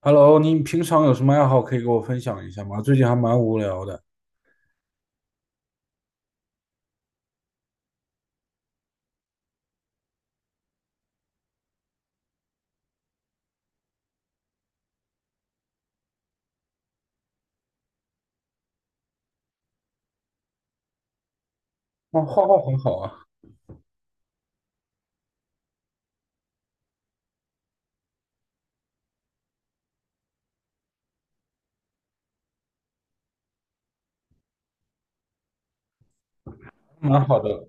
Hello，你平常有什么爱好可以给我分享一下吗？最近还蛮无聊的。哦，画画很好啊，蛮好的。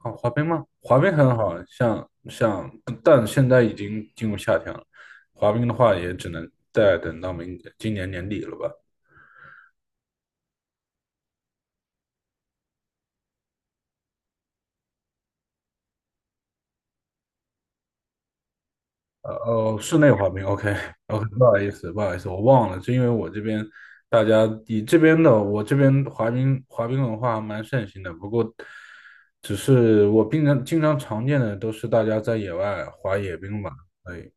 哦，滑冰吗？滑冰很好，但现在已经进入夏天了，滑冰的话也只能再等到明今年年底了吧。是内滑冰，OK。 OK，不好意思，不好意思，我忘了，是因为我这边大家你这边的我这边滑冰文化还蛮盛行的，不过只是我平常经常常见的都是大家在野外滑野冰嘛，对，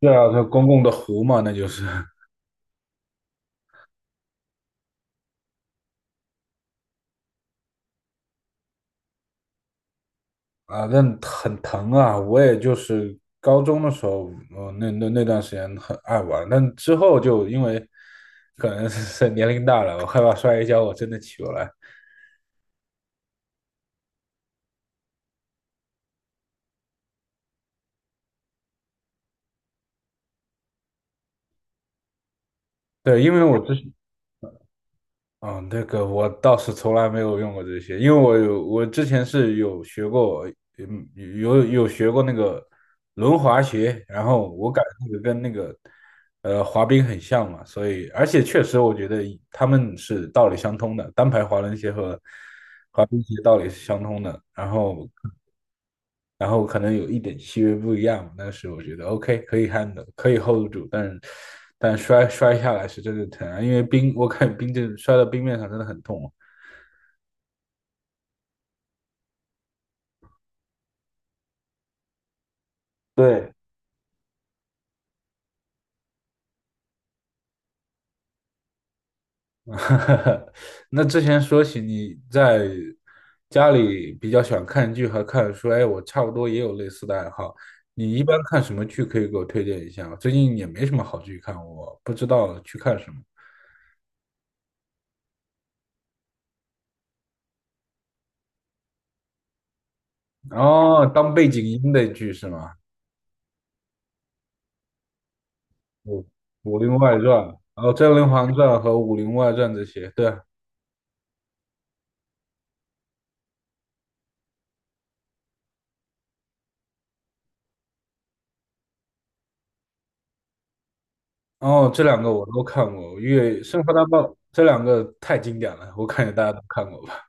对啊，这公共的湖嘛，那就是啊，那很疼啊，我也就是高中的时候，那段时间很爱玩，但之后就因为可能是年龄大了，我害怕摔一跤，我真的起不来。对，因为我之前嗯，那个我倒是从来没有用过这些，因为我之前是有学过，嗯，有学过那个轮滑鞋，然后我感觉那个跟那个滑冰很像嘛，所以而且确实我觉得他们是道理相通的，单排滑轮鞋和滑冰鞋道理是相通的，然后然后可能有一点细微不一样，但是我觉得 OK 可以 handle 可以 hold 住，但但摔下来是真的疼啊，因为冰我看冰这摔到冰面上真的很痛啊对。那之前说起你在家里比较喜欢看剧和看书，哎，我差不多也有类似的爱好。你一般看什么剧可以给我推荐一下吗？最近也没什么好剧看，我不知道去看什么。哦，当背景音的剧是吗？武武林外传》，然后《甄嬛传》和《武林外传》这些，对。哦，这两个我都看过，越《生活大爆》这两个太经典了，我感觉大家都看过吧。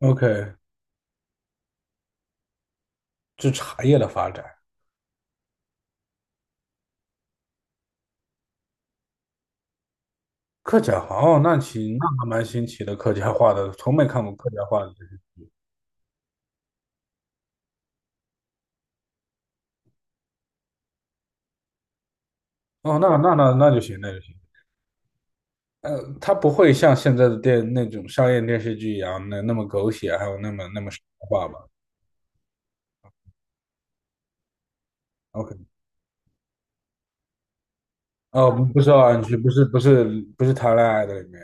OK，这茶叶的发展。客家话哦，那行，那还蛮新奇的，客家话的，从没看过客家话的这些。哦，那就行，那就行。呃，它不会像现在的电那种商业电视剧一样，那么狗血，还有那么神话吧？OK，哦，不不是奥安区，不是谈恋爱的里面。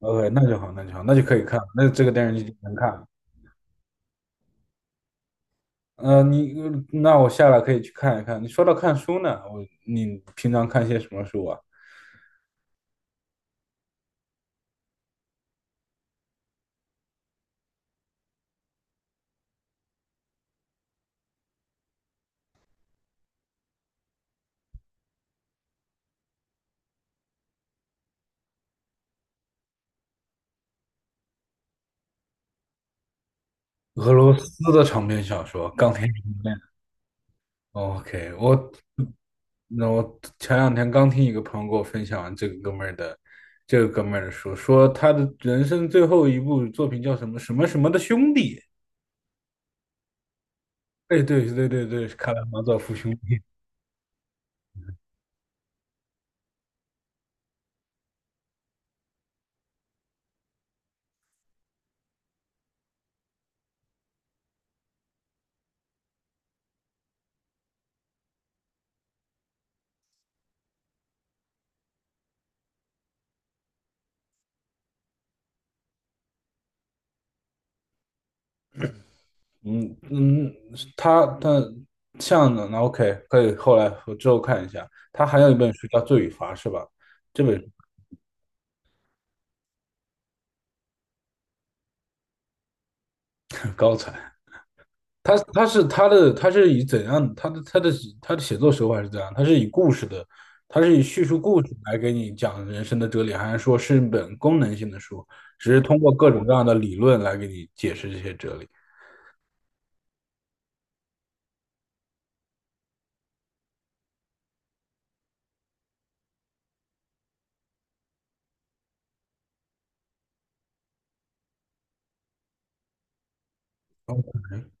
OK，那就好，那就好，那就可以看，那这个电视剧就能看了。呃，你那我下来可以去看一看。你说到看书呢，我你平常看些什么书啊？俄罗斯的长篇小说，钢铁人 OK，我那我前两天刚听一个朋友给我分享这个哥们儿的，这个哥们儿的书，说他的人生最后一部作品叫什么什么什么的兄弟。哎，对对对对，是卡拉马佐夫兄弟。嗯嗯，他像的那 OK，可以，后来我之后看一下。他还有一本书叫《罪与罚》，是吧？这本 高才。他他是他的他是以怎样他的他的他的写作手法是怎样？他是以故事的，他是以叙述故事来给你讲人生的哲理，还是说是一本功能性的书，只是通过各种各样的理论来给你解释这些哲理？哎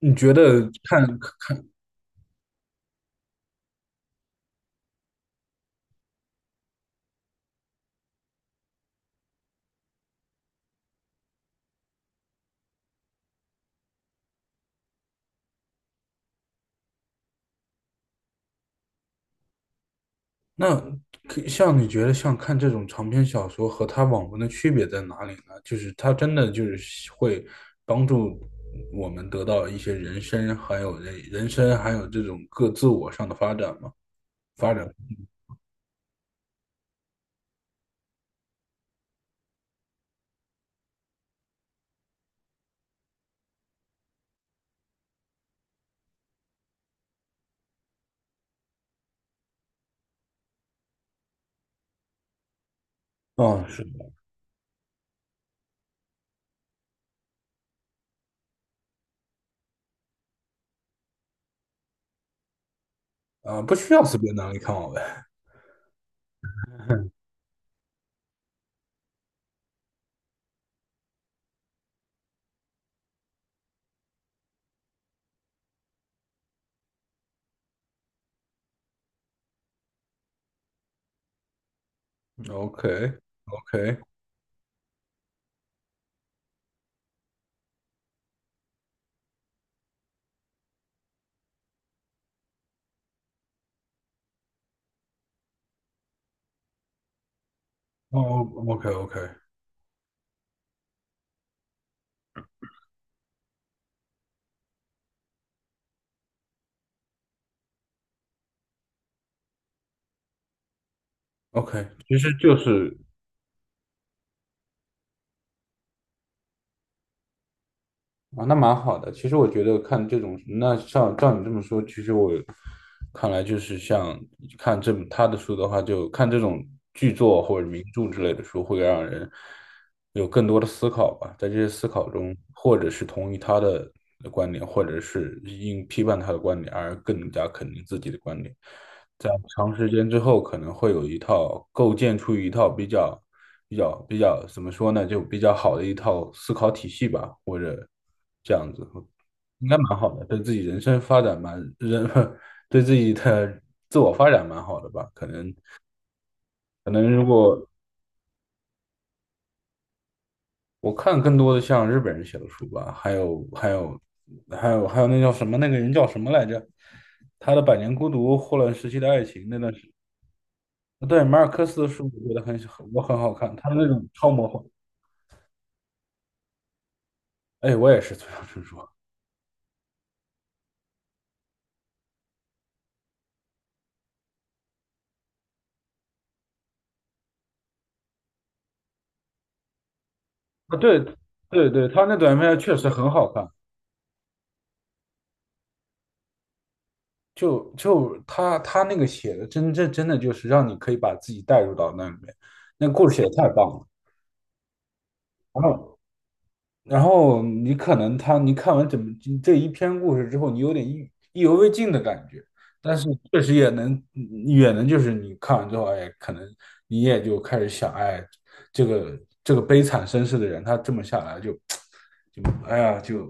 你觉得看看那像你觉得像看这种长篇小说和它网文的区别在哪里呢？就是它真的就是会帮助我们得到一些人生，还有人人生，还有这种各自我上的发展吗？发展哦，是的，啊、不需要随便拿来看我呗。O K。 O K。 哦， O K。 O K。 O K， 其实就是啊，那蛮好的。其实我觉得看这种，那像照你这么说，其实我看来就是像看这他的书的话，就看这种剧作或者名著之类的书，会让人有更多的思考吧。在这些思考中，或者是同意他的观点，或者是因批判他的观点而更加肯定自己的观点。在长时间之后，可能会有一套构建出一套比较、比较、比较怎么说呢，就比较好的一套思考体系吧，或者这样子，应该蛮好的，对自己人生发展蛮人，对自己的自我发展蛮好的吧。可能，如果我看更多的像日本人写的书吧，还有那叫什么那个人叫什么来着？他的《百年孤独》《霍乱时期的爱情》那段时对，马尔克斯的书我觉得很我很好看，他的那种超魔幻，哎，我也是村上春树啊，对对对，他那短片确实很好看，就就他他那个写的真的就是让你可以把自己带入到那里面，那故事写的太棒了。然后然后你可能他，你看完整这一篇故事之后，你有点意意犹未尽的感觉，但是确实也能就是你看完之后，哎，可能你也就开始想，哎，这个悲惨身世的人，他这么下来就就哎呀，就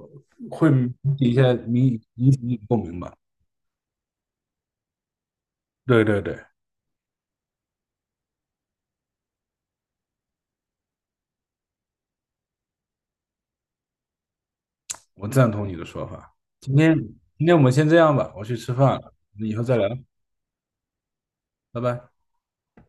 会引起一些起你的共鸣吧。对对对，我赞同你的说法。今天我们先这样吧，我去吃饭了，以后再聊，拜拜。